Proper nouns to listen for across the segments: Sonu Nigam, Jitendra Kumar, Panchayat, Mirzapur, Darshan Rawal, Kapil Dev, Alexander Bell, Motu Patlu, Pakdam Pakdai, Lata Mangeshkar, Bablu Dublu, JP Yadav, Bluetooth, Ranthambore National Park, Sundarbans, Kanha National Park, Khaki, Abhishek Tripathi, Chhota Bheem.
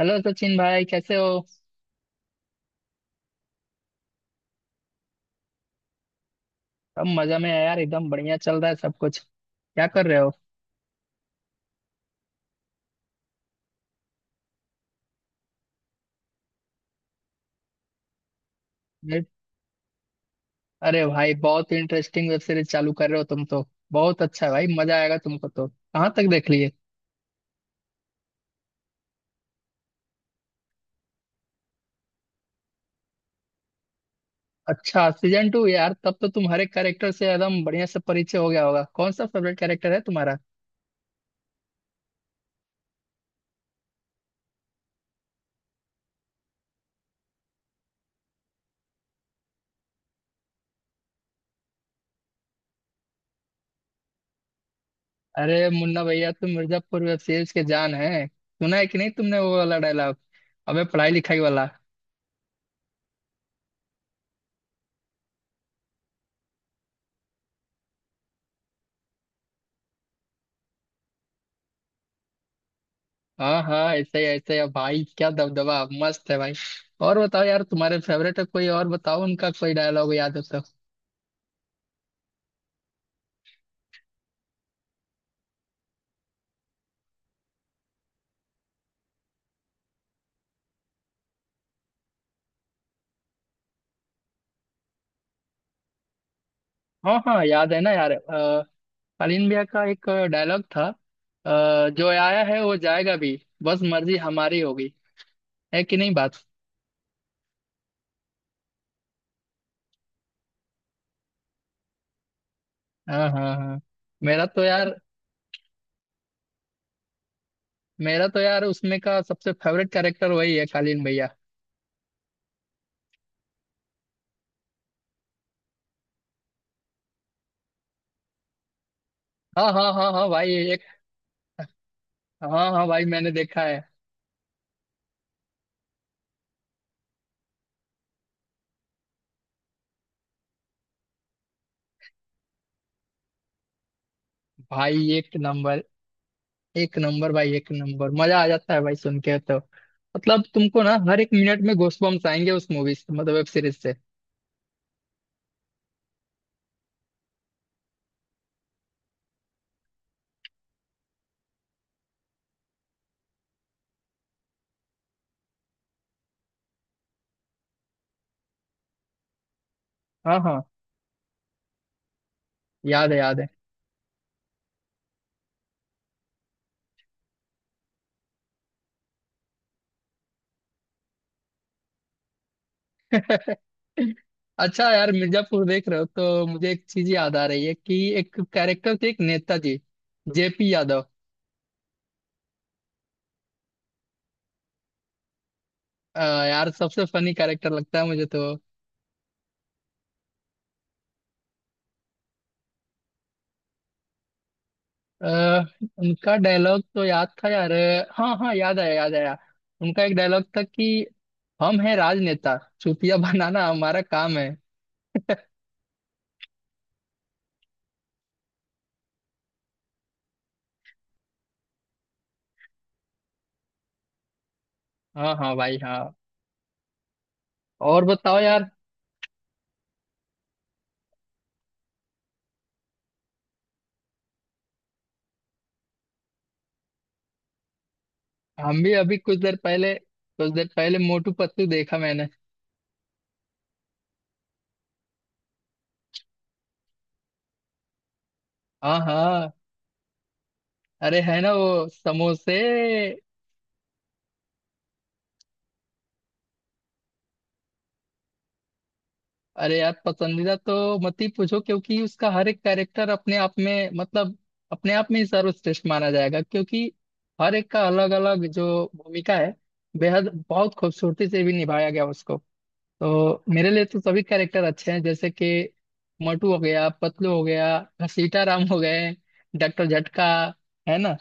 Hello Sachin भाई, कैसे हो। सब मजा में है यार, एकदम बढ़िया चल रहा है सब कुछ। क्या कर रहे हो। मैं- अरे भाई, बहुत इंटरेस्टिंग वेब सीरीज चालू कर रहे हो तुम तो। बहुत अच्छा है भाई, मजा आएगा तुमको तो। कहाँ तक देख लिए। अच्छा सीजन टू, यार तब तो तुम हर एक कैरेक्टर से एकदम बढ़िया से परिचय हो गया होगा। कौन सा फेवरेट कैरेक्टर है तुम्हारा। अरे मुन्ना भैया तुम मिर्जापुर वेब सीरीज के जान है। सुना है कि नहीं तुमने वो वाला डायलॉग, अबे पढ़ाई लिखाई वाला। हाँ हाँ, ऐसे ही ऐसे ही। अब भाई क्या दबदबा, मस्त है भाई। और बताओ यार, तुम्हारे फेवरेट है कोई और, बताओ उनका कोई डायलॉग याद हो तो। हाँ हाँ याद है ना यार। शालीन भैया का एक डायलॉग था। जो आया है वो जाएगा भी, बस मर्जी हमारी होगी। है कि नहीं बात। हाँ हाँ हाँ। मेरा तो यार मेरा तो यार उसमें का सबसे फेवरेट कैरेक्टर वही है, शालीन भैया। हाँ हाँ हाँ हाँ भाई, एक। हाँ हाँ भाई मैंने देखा है। भाई एक नंबर, एक नंबर भाई एक नंबर, मजा आ जाता है भाई सुन के तो। मतलब तुमको ना हर एक मिनट में गूज़बम्प्स आएंगे उस मूवी से, मतलब वेब सीरीज से। हाँ हाँ, याद है याद है। अच्छा यार, मिर्जापुर देख रहे हो तो मुझे एक चीज याद आ रही है कि एक कैरेक्टर थे, एक नेताजी, जेपी यादव। अ, यार सबसे फनी कैरेक्टर लगता है मुझे तो। आ, उनका डायलॉग तो याद था यार। हाँ हाँ, याद आया याद आया। उनका एक डायलॉग था कि हम हैं राजनेता, चुतिया बनाना हमारा काम है। हाँ हाँ भाई हाँ। और बताओ यार। हम भी अभी कुछ देर पहले मोटू पतलू देखा मैंने। हाँ हाँ, अरे है ना वो समोसे। अरे यार, पसंदीदा तो मत ही पूछो क्योंकि उसका हर एक कैरेक्टर अपने आप में मतलब अपने आप में ही सर्वश्रेष्ठ माना जाएगा, क्योंकि हर एक का अलग अलग जो भूमिका है, बेहद बहुत खूबसूरती से भी निभाया गया उसको। तो मेरे लिए तो सभी कैरेक्टर अच्छे हैं, जैसे कि मोटू हो गया, पतलू हो गया, घसीटा राम हो गए, डॉक्टर झटका। है ना।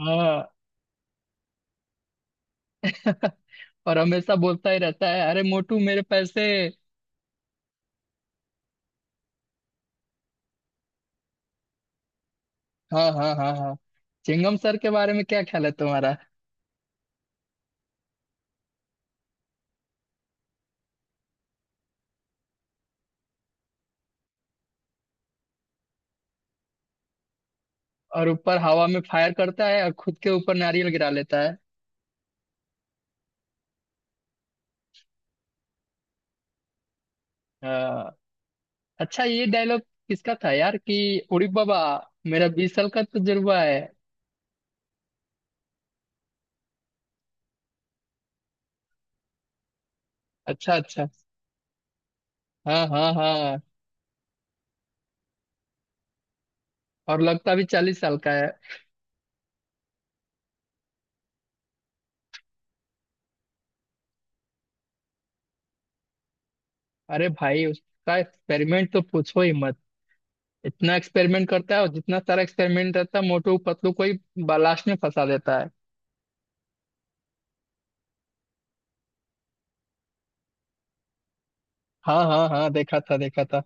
हाँ। और हमेशा बोलता ही रहता है, अरे मोटू मेरे पैसे। हाँ हाँ हाँ हाँ, चिंगम सर के बारे में क्या ख्याल है तुम्हारा। और ऊपर हवा में फायर करता है और खुद के ऊपर नारियल गिरा लेता है। हाँ। अच्छा ये डायलॉग किसका था यार, कि उड़ी बाबा मेरा 20 साल का तजुर्बा है। अच्छा अच्छा। हाँ हाँ हाँ, और लगता भी 40 साल का है। अरे भाई, उसका एक्सपेरिमेंट तो पूछो ही मत। इतना एक्सपेरिमेंट करता है, और जितना सारा एक्सपेरिमेंट रहता है मोटू पतलू को ही लास्ट में फंसा देता है। हाँ हाँ हाँ, देखा था देखा था।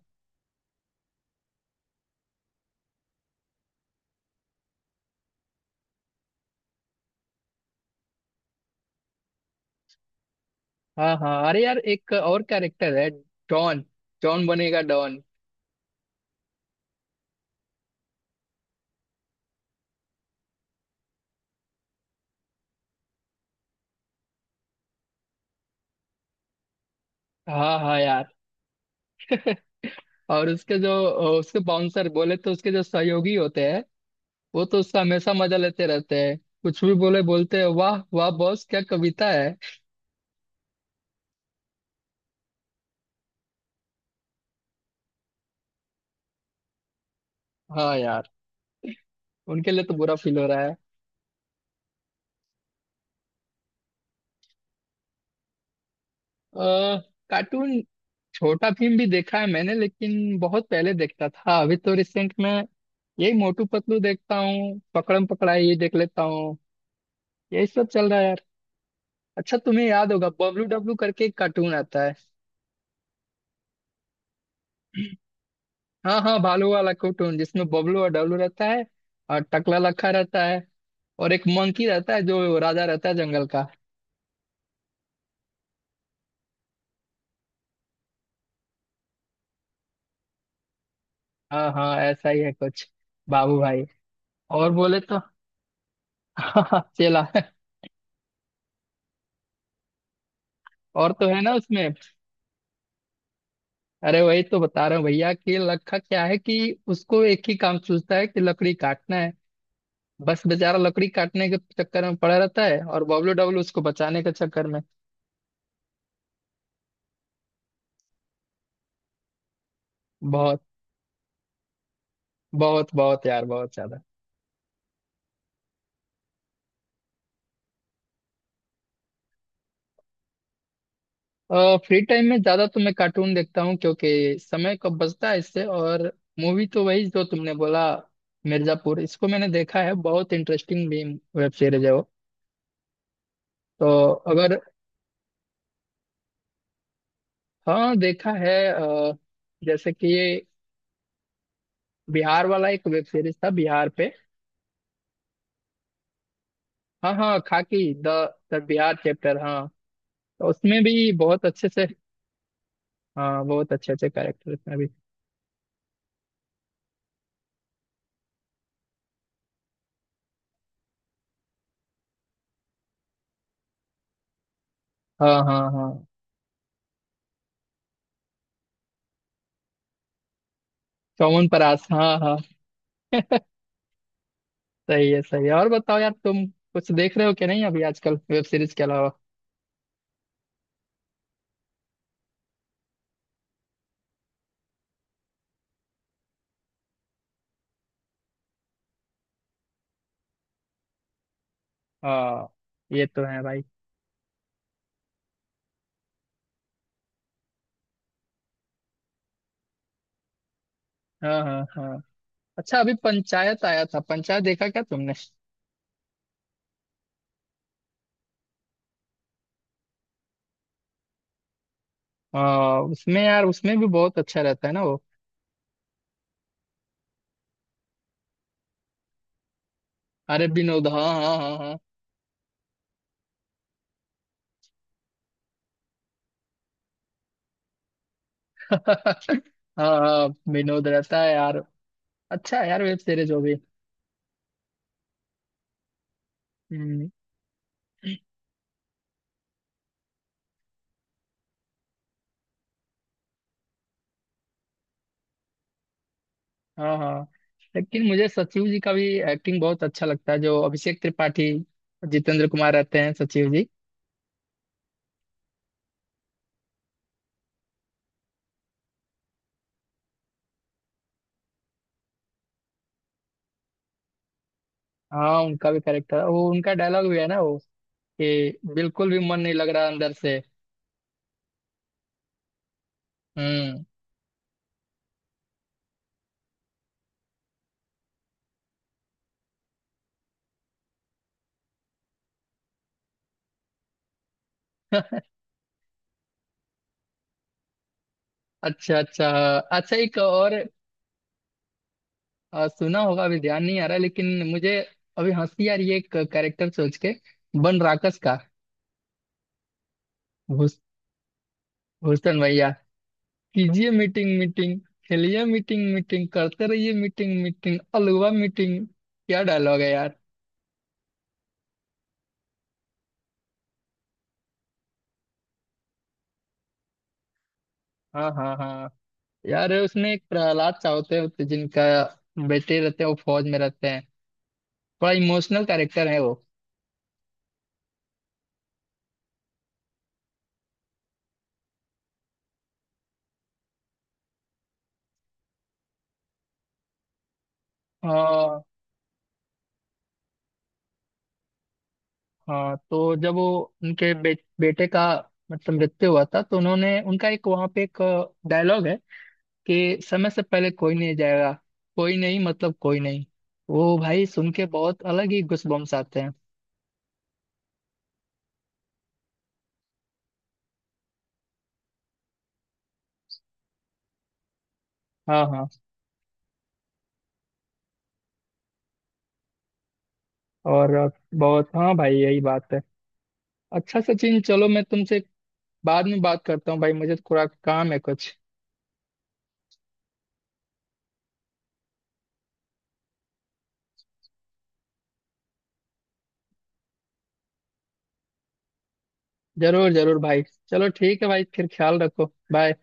हाँ हाँ, अरे यार एक और कैरेक्टर है, डॉन। डॉन बनेगा डॉन। हाँ हाँ यार, और उसके जो उसके बाउंसर, बोले तो उसके जो सहयोगी होते हैं, वो तो उसका हमेशा मजा लेते रहते हैं। कुछ भी बोले, बोलते हैं वाह वाह बॉस, क्या कविता है। हाँ यार, उनके लिए तो बुरा फील हो रहा है। आ, कार्टून। छोटा भीम भी देखा है मैंने, लेकिन बहुत पहले देखता था। अभी तो रिसेंट में यही मोटू पतलू देखता हूँ, पकड़म पकड़ाई ये देख लेता हूँ, यही सब चल रहा है। अच्छा तुम्हें याद होगा, बबलू डब्लू करके एक कार्टून आता है। हाँ हाँ, भालू वाला कार्टून जिसमें बबलू और डब्लू रहता है, और टकला लखा रहता है, और एक मंकी रहता है जो राजा रहता है जंगल का। हाँ हाँ, ऐसा ही है कुछ, बाबू भाई। और बोले तो चला। और तो है ना उसमें। अरे वही तो बता रहा हूँ भैया कि लखा क्या है कि उसको एक ही काम सूझता है, कि लकड़ी काटना है। बस बेचारा लकड़ी काटने के चक्कर में पड़ा रहता है, और बबलू डब्लू उसको बचाने के चक्कर में। बहुत, बहुत बहुत यार, बहुत ज्यादा। फ्री टाइम में ज्यादा तो मैं कार्टून देखता हूँ क्योंकि समय कब बचता है इससे। और मूवी तो वही जो तुमने बोला, मिर्जापुर, इसको मैंने देखा है। बहुत इंटरेस्टिंग भी वेब सीरीज है वो तो। अगर, हाँ देखा है। जैसे कि ये बिहार वाला एक वेब सीरीज था, बिहार पे। हाँ हाँ, Khakee the. The Bihar chapter, हाँ। तो उसमें भी बहुत अच्छे से। हाँ, बहुत अच्छे अच्छे कैरेक्टर उसमें भी। हाँ हाँ हाँ, चौवन परास हाँ हाँ। सही है सही है। और बताओ यार, तुम कुछ देख रहे हो कि नहीं अभी आजकल वेब सीरीज के अलावा। हाँ, ये तो है भाई। हाँ हाँ हाँ। अच्छा अभी पंचायत आया था, पंचायत देखा क्या तुमने। हाँ, उसमें यार, उसमें भी बहुत अच्छा रहता है ना वो। अरे विनोद, हाँ हाँ हाँ हाँ। हाँ हाँ, विनोद रहता है यार। अच्छा है यार वेब सीरीज वो भी। हम्म। हाँ हाँ, लेकिन मुझे सचिव जी का भी एक्टिंग बहुत अच्छा लगता है, जो अभिषेक त्रिपाठी, जितेंद्र कुमार रहते हैं सचिव जी। हाँ, उनका भी करेक्टर, वो उनका डायलॉग भी है ना वो, कि बिल्कुल भी मन नहीं लग रहा अंदर से। हम्म। अच्छा अच्छा। अच्छा एक और। सुना होगा, अभी ध्यान नहीं आ रहा लेकिन मुझे। अभी हंसी आ रही है एक कैरेक्टर सोच के, बन राकस का। भूस- भूषण भैया। कीजिए मीटिंग मीटिंग, खेलिए मीटिंग मीटिंग, करते रहिए मीटिंग मीटिंग अलवा मीटिंग, क्या डायलॉग है यार। हाँ हाँ हाँ, यार उसमें एक प्रहलाद सा होते हैं जिनका बेटे रहते हैं, वो फौज में रहते हैं। बड़ा इमोशनल कैरेक्टर है वो। हाँ हाँ, तो जब वो उनके बेटे का मतलब मृत्यु हुआ था, तो उन्होंने उनका एक वहां पे एक डायलॉग है कि समय से पहले कोई नहीं जाएगा। कोई नहीं मतलब कोई नहीं। वो भाई सुन के बहुत अलग ही गूजबम्स आते हैं। हाँ हाँ। और बहुत, हाँ भाई यही बात है। अच्छा सचिन, चलो मैं तुमसे बाद में बात करता हूँ भाई, मुझे थोड़ा काम है कुछ। जरूर जरूर भाई। चलो ठीक है भाई, फिर ख्याल रखो। बाय।